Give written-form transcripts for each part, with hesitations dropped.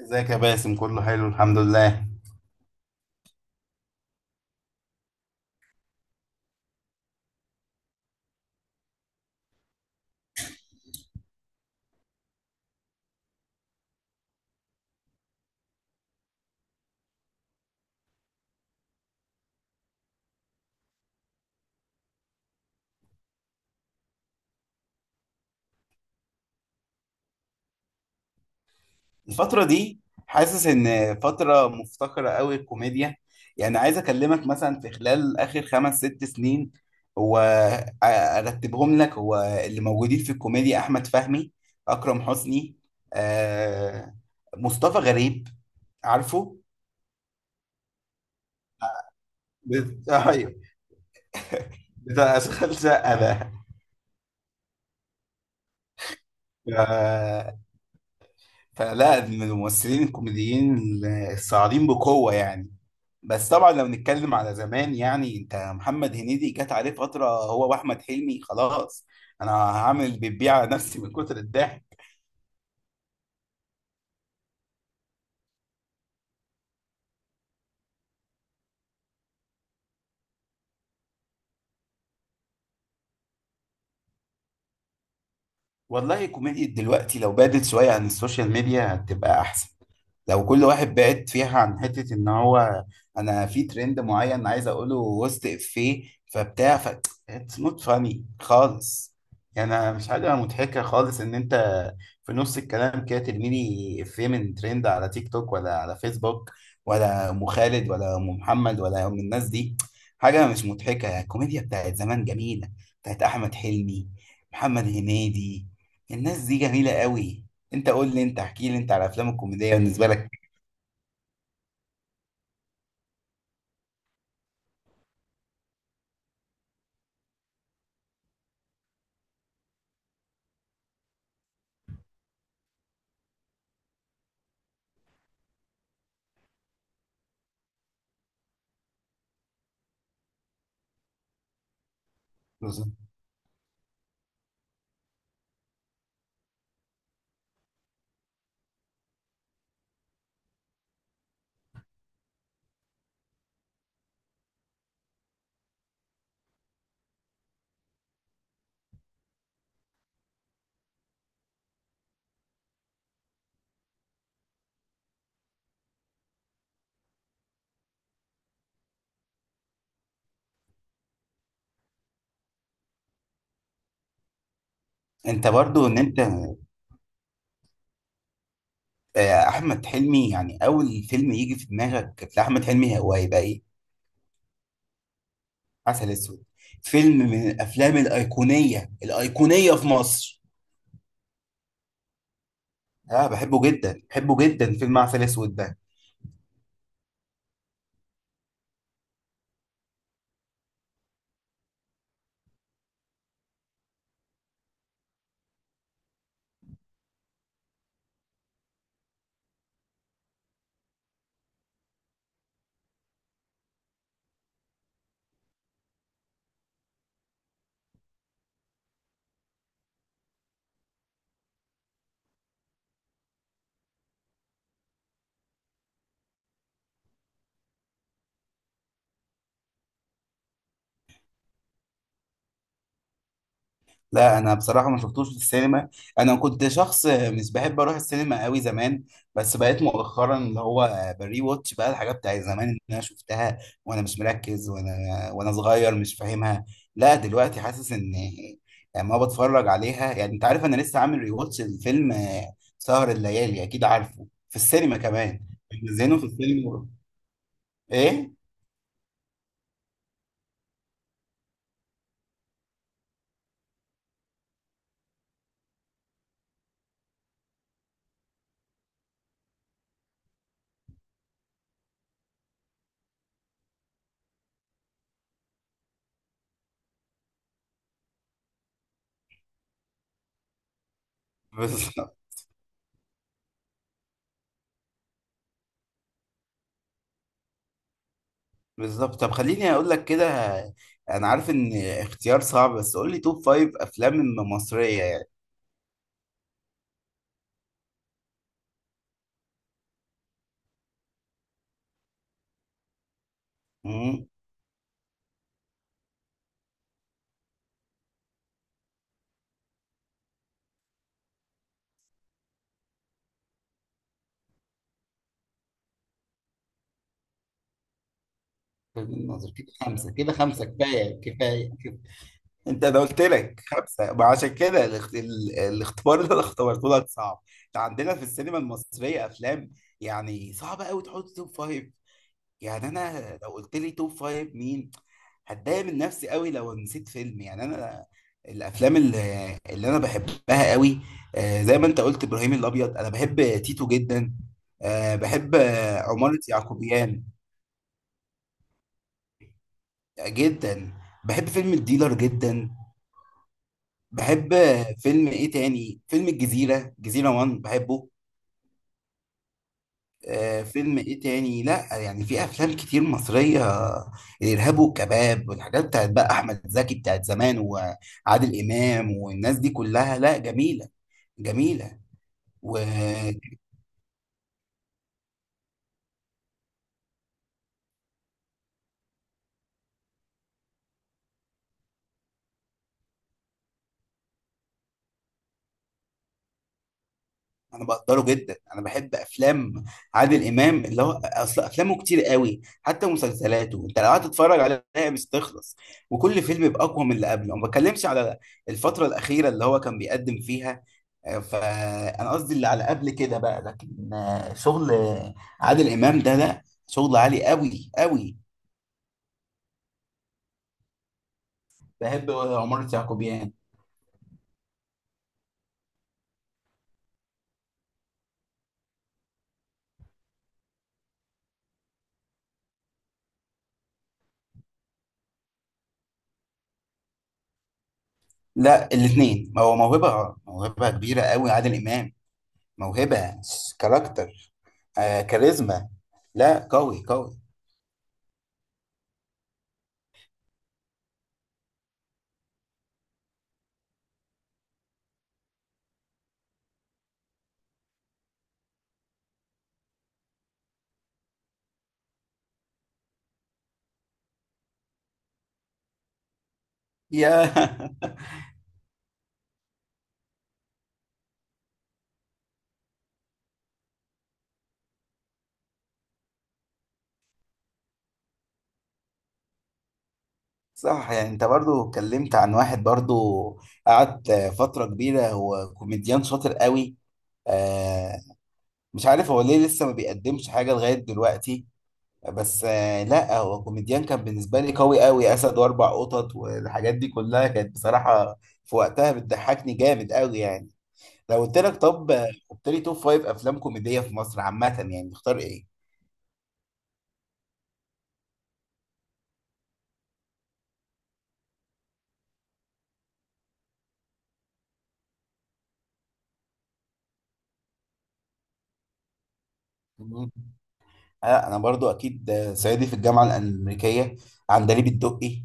ازيك يا باسم، كله حلو الحمد لله. الفترة دي حاسس ان فترة مفتقرة قوي الكوميديا. يعني عايز اكلمك مثلا في خلال اخر 5 6 سنين. هو ارتبهم لك. هو اللي موجودين في الكوميديا: احمد فهمي، اكرم حسني، آه مصطفى غريب، عارفه ايوه، بتاع اشغال شقة ده. آه، فلا من الممثلين الكوميديين الصاعدين بقوة يعني. بس طبعا لو نتكلم على زمان، يعني انت محمد هنيدي جت عليه فترة هو واحمد حلمي، خلاص انا هعمل بيبيع على نفسي من كتر الضحك. والله كوميديا دلوقتي لو بعدت شوية عن السوشيال ميديا هتبقى احسن. لو كل واحد بعد فيها عن حتة ان هو، انا في ترند معين عايز اقوله وسط افيه فبتاع ف، اتس نوت فاني خالص. يعني أنا مش حاجة مضحكة خالص ان انت في نص الكلام كده ترميلي افيه من ترند على تيك توك ولا على فيسبوك، ولا ام خالد ولا ام محمد ولا ام الناس دي. حاجة مش مضحكة. يعني الكوميديا بتاعت زمان جميلة، بتاعت احمد حلمي، محمد هنيدي، الناس دي جميلة قوي. انت قول لي انت، احكي لي انت على الافلام الكوميديه بالنسبه لك. انت برضو ان انت، احمد حلمي، يعني اول فيلم يجي في دماغك لاحمد حلمي هو هيبقى ايه؟ عسل اسود. فيلم من الافلام الايقونيه في مصر. اه بحبه جدا، بحبه جدا. فيلم عسل اسود ده، لا انا بصراحه ما شفتوش في السينما. انا كنت شخص مش بحب اروح السينما قوي زمان. بس بقيت مؤخرا اللي هو بري واتش بقى الحاجات بتاعت زمان اللي انا شفتها وانا مش مركز وانا صغير مش فاهمها. لا دلوقتي حاسس ان، لما بتفرج عليها، يعني انت عارف، انا لسه عامل ري واتش الفيلم، سهر الليالي، اكيد عارفه في السينما كمان. منزلينه في السينما. ايه؟ بس بالظبط. طب خليني اقول لك كده، انا عارف ان اختيار صعب، بس قول لي توب فايف افلام مصريه يعني. امم فيلم الناظر؟ كده خمسه، كده خمسه، كفايه. انت انا قلت لك خمسه، ما عشان كده الاختبار اللي انا اختبرته لك صعب. إحنا عندنا في السينما المصريه افلام يعني صعبه قوي تحط توب فايف. يعني انا لو قلت لي توب فايف مين، هتضايق من نفسي قوي لو نسيت فيلم. يعني انا الافلام اللي انا بحبها قوي، زي ما انت قلت ابراهيم الابيض، انا بحب تيتو جدا، بحب عمارة يعقوبيان جدا، بحب فيلم الديلر جدا، بحب، فيلم ايه تاني، فيلم الجزيرة، جزيرة وان بحبه، فيلم ايه تاني، لا يعني في افلام كتير مصرية. الارهاب والكباب، والحاجات بتاعت بقى احمد زكي بتاعت زمان، وعادل امام والناس دي كلها، لا جميلة، جميلة. وأنا بقدره جدا. أنا بحب أفلام عادل إمام، اللي هو أصل أفلامه كتير قوي، حتى مسلسلاته أنت لو قعدت تتفرج عليها مش تخلص، وكل فيلم يبقى أقوى من اللي قبله. ما بتكلمش على الفترة الأخيرة اللي هو كان بيقدم فيها، فأنا قصدي اللي على قبل كده بقى، لكن شغل عادل إمام ده، لا شغل عالي قوي قوي. بحب عمارة يعقوبيان. لا الاثنين، هو موهبة، موهبة كبيرة قوي عادل إمام، موهبة، كاركتر، آه كاريزما، لا قوي قوي. يا صح. يعني انت برضو اتكلمت عن واحد برضو قعد فترة كبيرة، هو كوميديان شاطر قوي، آه، مش عارف هو ليه لسه ما بيقدمش حاجة لغاية دلوقتي. بس آه لا، هو كوميديان كان بالنسبة لي قوي قوي. أسد وأربع قطط والحاجات دي كلها كانت بصراحة في وقتها بتضحكني جامد قوي يعني. لو قلت لك، طب قلت لي توب فايف أفلام كوميدية في مصر عامة يعني تختار إيه؟ انا برضو اكيد، صعيدي في الجامعه الامريكيه، عندليب الدقي،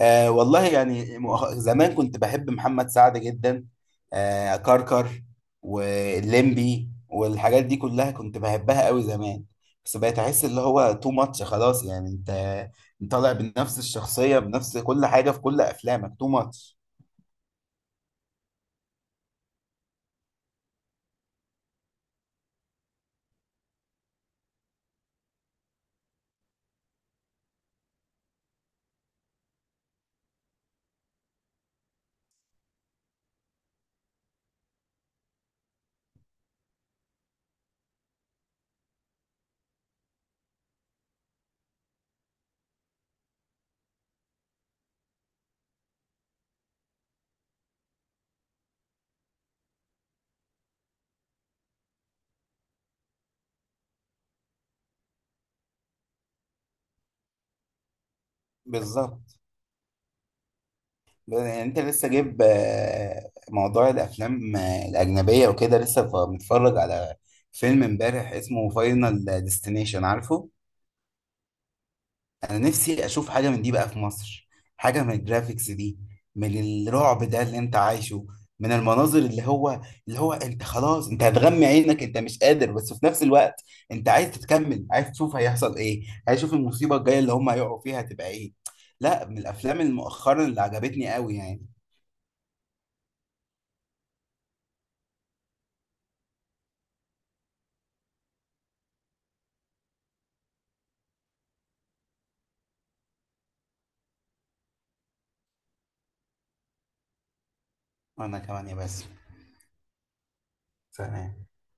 آه والله يعني زمان كنت بحب محمد سعد جدا، آه كركر واللمبي والحاجات دي كلها كنت بحبها قوي زمان. بس بقيت احس اللي هو تو ماتش خلاص. يعني انت طالع بنفس الشخصيه، بنفس كل حاجه، في كل افلامك تو ماتش. بالظبط. يعني انت لسه جايب موضوع الافلام الاجنبيه وكده، لسه متفرج على فيلم امبارح اسمه فاينل ديستنيشن، عارفه؟ انا نفسي اشوف حاجه من دي بقى في مصر، حاجه من الجرافيكس دي، من الرعب ده اللي انت عايشه، من المناظر اللي هو، اللي هو انت خلاص انت هتغمي عينك، انت مش قادر، بس في نفس الوقت انت عايز تتكمل، عايز تشوف هيحصل ايه، عايز تشوف المصيبه الجايه اللي هم هيقعوا فيها هتبقى ايه. لا من الافلام المؤخرا اللي عجبتني قوي يعني. وانا كمان يا بس. سلام.